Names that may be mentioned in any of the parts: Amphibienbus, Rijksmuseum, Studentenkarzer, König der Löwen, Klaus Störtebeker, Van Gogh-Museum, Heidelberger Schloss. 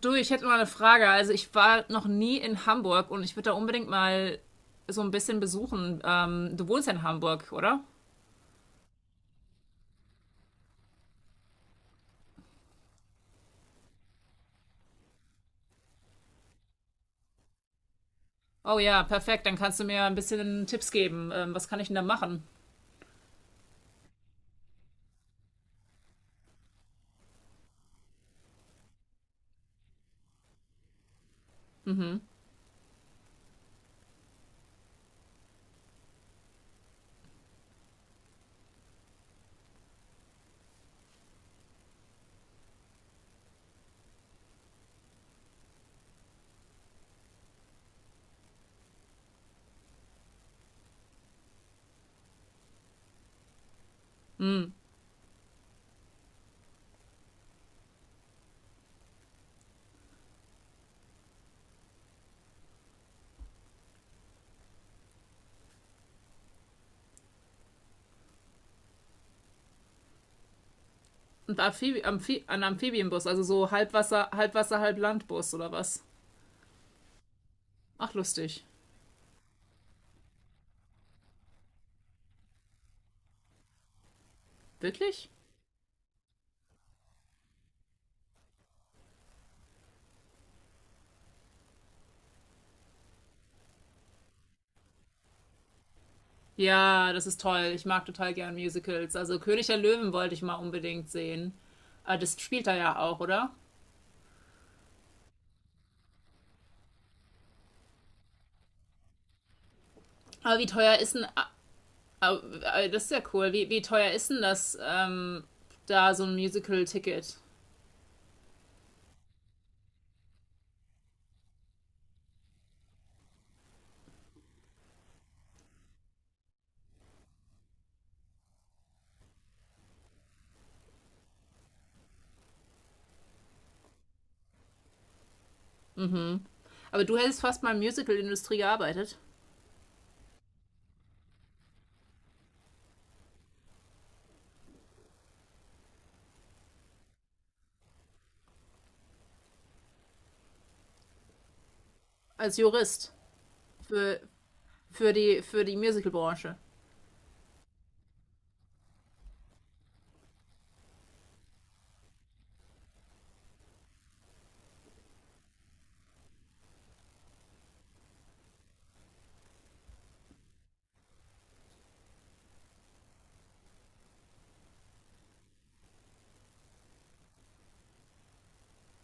Du, ich hätte mal eine Frage. Also ich war noch nie in Hamburg und ich würde da unbedingt mal so ein bisschen besuchen. Du wohnst ja in Hamburg, oder? Oh ja, perfekt. Dann kannst du mir ein bisschen Tipps geben. Was kann ich denn da machen? Ein Amphibienbus, also so Halbwasser, Halbwasser, Halblandbus oder was? Ach, lustig. Wirklich? Ja, das ist toll. Ich mag total gern Musicals. Also König der Löwen wollte ich mal unbedingt sehen. Ah, das spielt er ja auch, oder? Aber wie teuer ist ein Das ist ja cool. Wie teuer ist denn das, da so ein Musical-Ticket? Aber du hättest fast mal in der Musical-Industrie gearbeitet. Als Jurist. Für, für die Musical-Branche.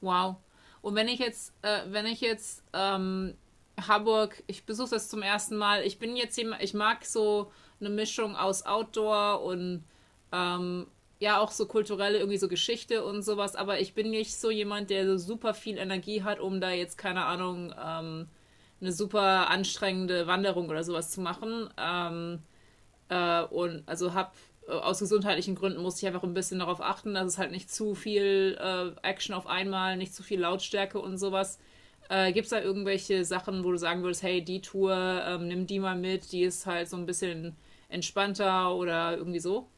Wow. Und wenn ich jetzt, Hamburg, ich besuche das zum ersten Mal. Ich bin jetzt jemand, ich mag so eine Mischung aus Outdoor und ja auch so kulturelle, irgendwie so Geschichte und sowas, aber ich bin nicht so jemand, der so super viel Energie hat, um da jetzt, keine Ahnung, eine super anstrengende Wanderung oder sowas zu machen. Und also habe aus gesundheitlichen Gründen musste ich einfach ein bisschen darauf achten, dass es halt nicht zu viel Action auf einmal, nicht zu viel Lautstärke und sowas. Gibt es da irgendwelche Sachen, wo du sagen würdest, hey, die Tour, nimm die mal mit, die ist halt so ein bisschen entspannter oder irgendwie so?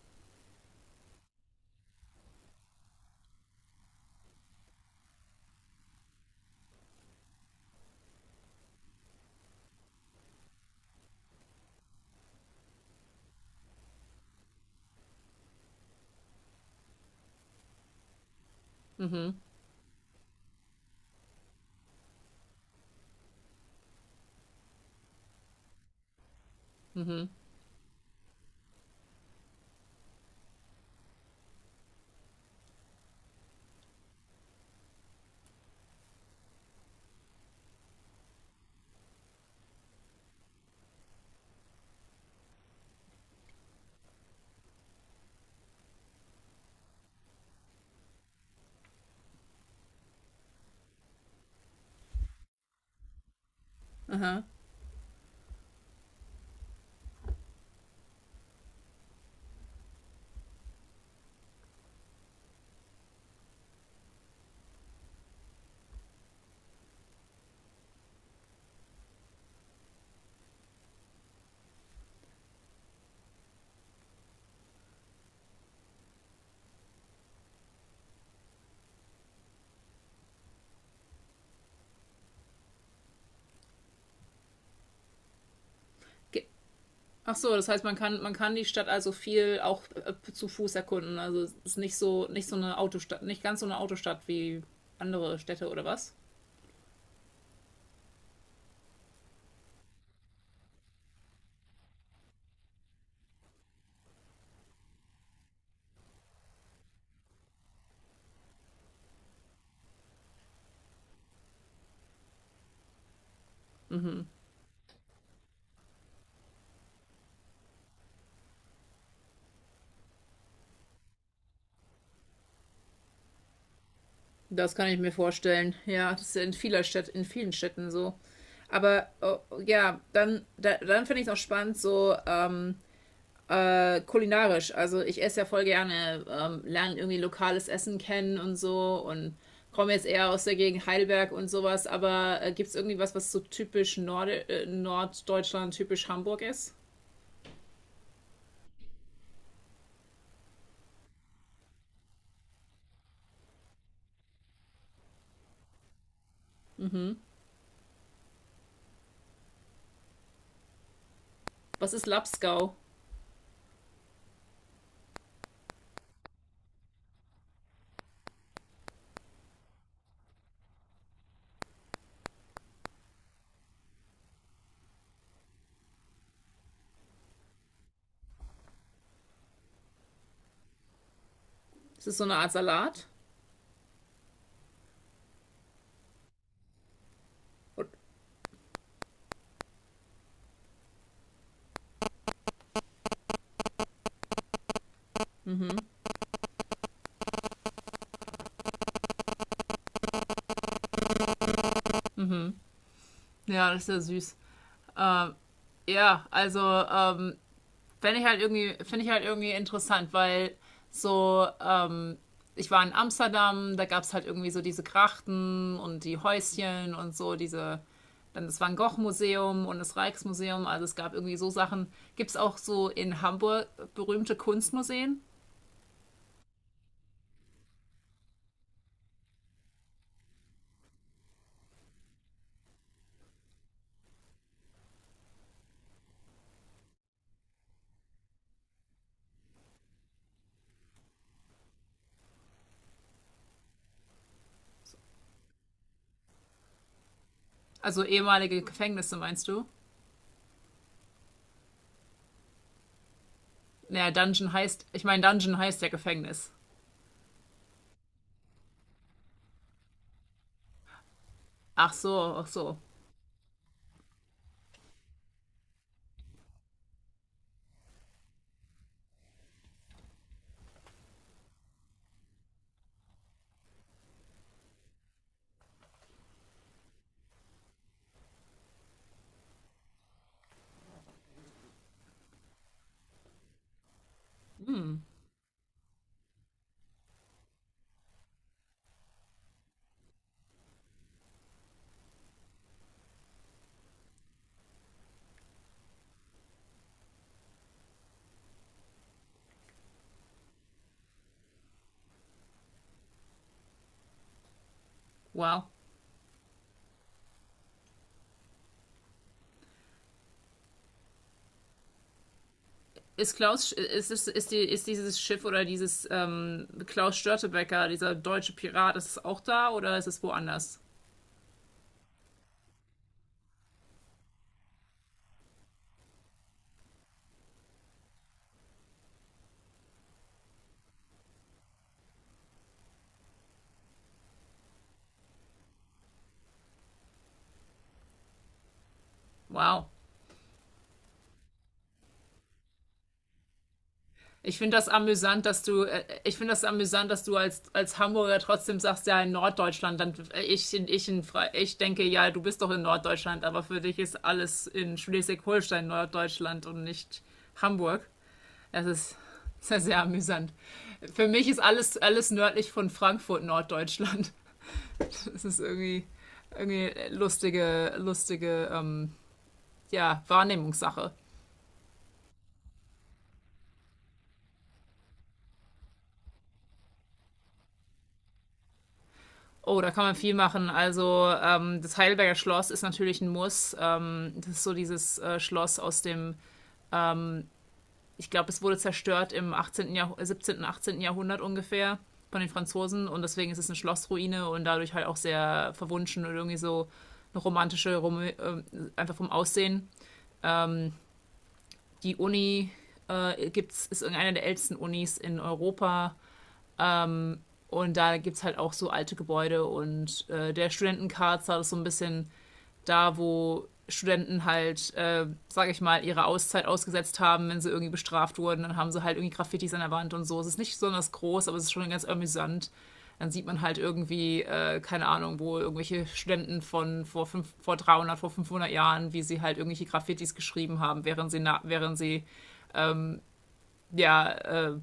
Ja. Ach so, das heißt, man kann die Stadt also viel auch zu Fuß erkunden. Also es ist nicht so, nicht so eine Autostadt, nicht ganz so eine Autostadt wie andere Städte oder was? Das kann ich mir vorstellen. Ja, das ist ja in vieler Stadt, in vielen Städten so. Aber oh, ja, dann, da, dann finde ich es auch spannend, so kulinarisch. Also ich esse ja voll gerne, lerne irgendwie lokales Essen kennen und so und komme jetzt eher aus der Gegend Heidelberg und sowas. Aber gibt es irgendwie was, was so typisch Norde Norddeutschland, typisch Hamburg ist? Was ist Lapskau? Ist das so eine Art Salat? Ja, das ist ja süß. Ja, also Fände ich halt irgendwie, finde ich halt irgendwie interessant, weil so, ich war in Amsterdam, da gab es halt irgendwie so diese Krachten und die Häuschen und so, diese, dann das Van Gogh-Museum und das Rijksmuseum, also es gab irgendwie so Sachen. Gibt es auch so in Hamburg berühmte Kunstmuseen? Also ehemalige Gefängnisse, meinst du? Naja, Dungeon heißt, ich meine, Dungeon heißt ja Gefängnis. Ach so, ach so. Wow. Ist dieses Schiff oder dieses Klaus Störtebeker dieser deutsche Pirat, ist es auch da oder ist es woanders? Wow. Ich finde das amüsant, dass du, ich finde das amüsant, dass du als Hamburger trotzdem sagst, ja, in Norddeutschland, dann ich denke, ja, du bist doch in Norddeutschland, aber für dich ist alles in Schleswig-Holstein Norddeutschland und nicht Hamburg. Das ist sehr, sehr amüsant. Für mich ist alles nördlich von Frankfurt Norddeutschland. Es ist irgendwie, irgendwie lustige, lustige ja, Wahrnehmungssache. Oh, da kann man viel machen. Also das Heidelberger Schloss ist natürlich ein Muss. Das ist so dieses Schloss aus dem, ich glaube, es wurde zerstört im 18. Jahrh 17., 18. Jahrhundert ungefähr von den Franzosen und deswegen ist es eine Schlossruine und dadurch halt auch sehr verwunschen und irgendwie so eine romantische, rom einfach vom Aussehen. Die Uni gibt's, ist irgendeine der ältesten Unis in Europa. Und da gibt es halt auch so alte Gebäude und der Studentenkarzer ist so ein bisschen da, wo Studenten halt, sage ich mal, ihre Auszeit ausgesetzt haben, wenn sie irgendwie bestraft wurden. Dann haben sie halt irgendwie Graffitis an der Wand und so. Es ist nicht besonders groß, aber es ist schon ganz amüsant. Dann sieht man halt irgendwie, keine Ahnung, wo irgendwelche Studenten von vor, fünf, vor 300, vor 500 Jahren, wie sie halt irgendwelche Graffitis geschrieben haben, während sie, na, während sie ja, äh,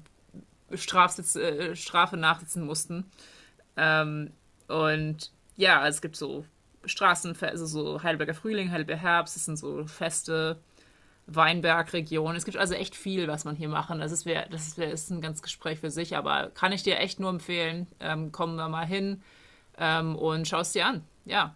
Strafsitz, äh, Strafe nachsitzen mussten. Und ja, es gibt so Straßenfeste, also so Heidelberger Frühling, Heidelberger Herbst, es sind so Feste, Weinbergregion. Es gibt also echt viel, was man hier machen. Das ist ein ganz Gespräch für sich, aber kann ich dir echt nur empfehlen. Komm da mal hin und schau es dir an. Ja,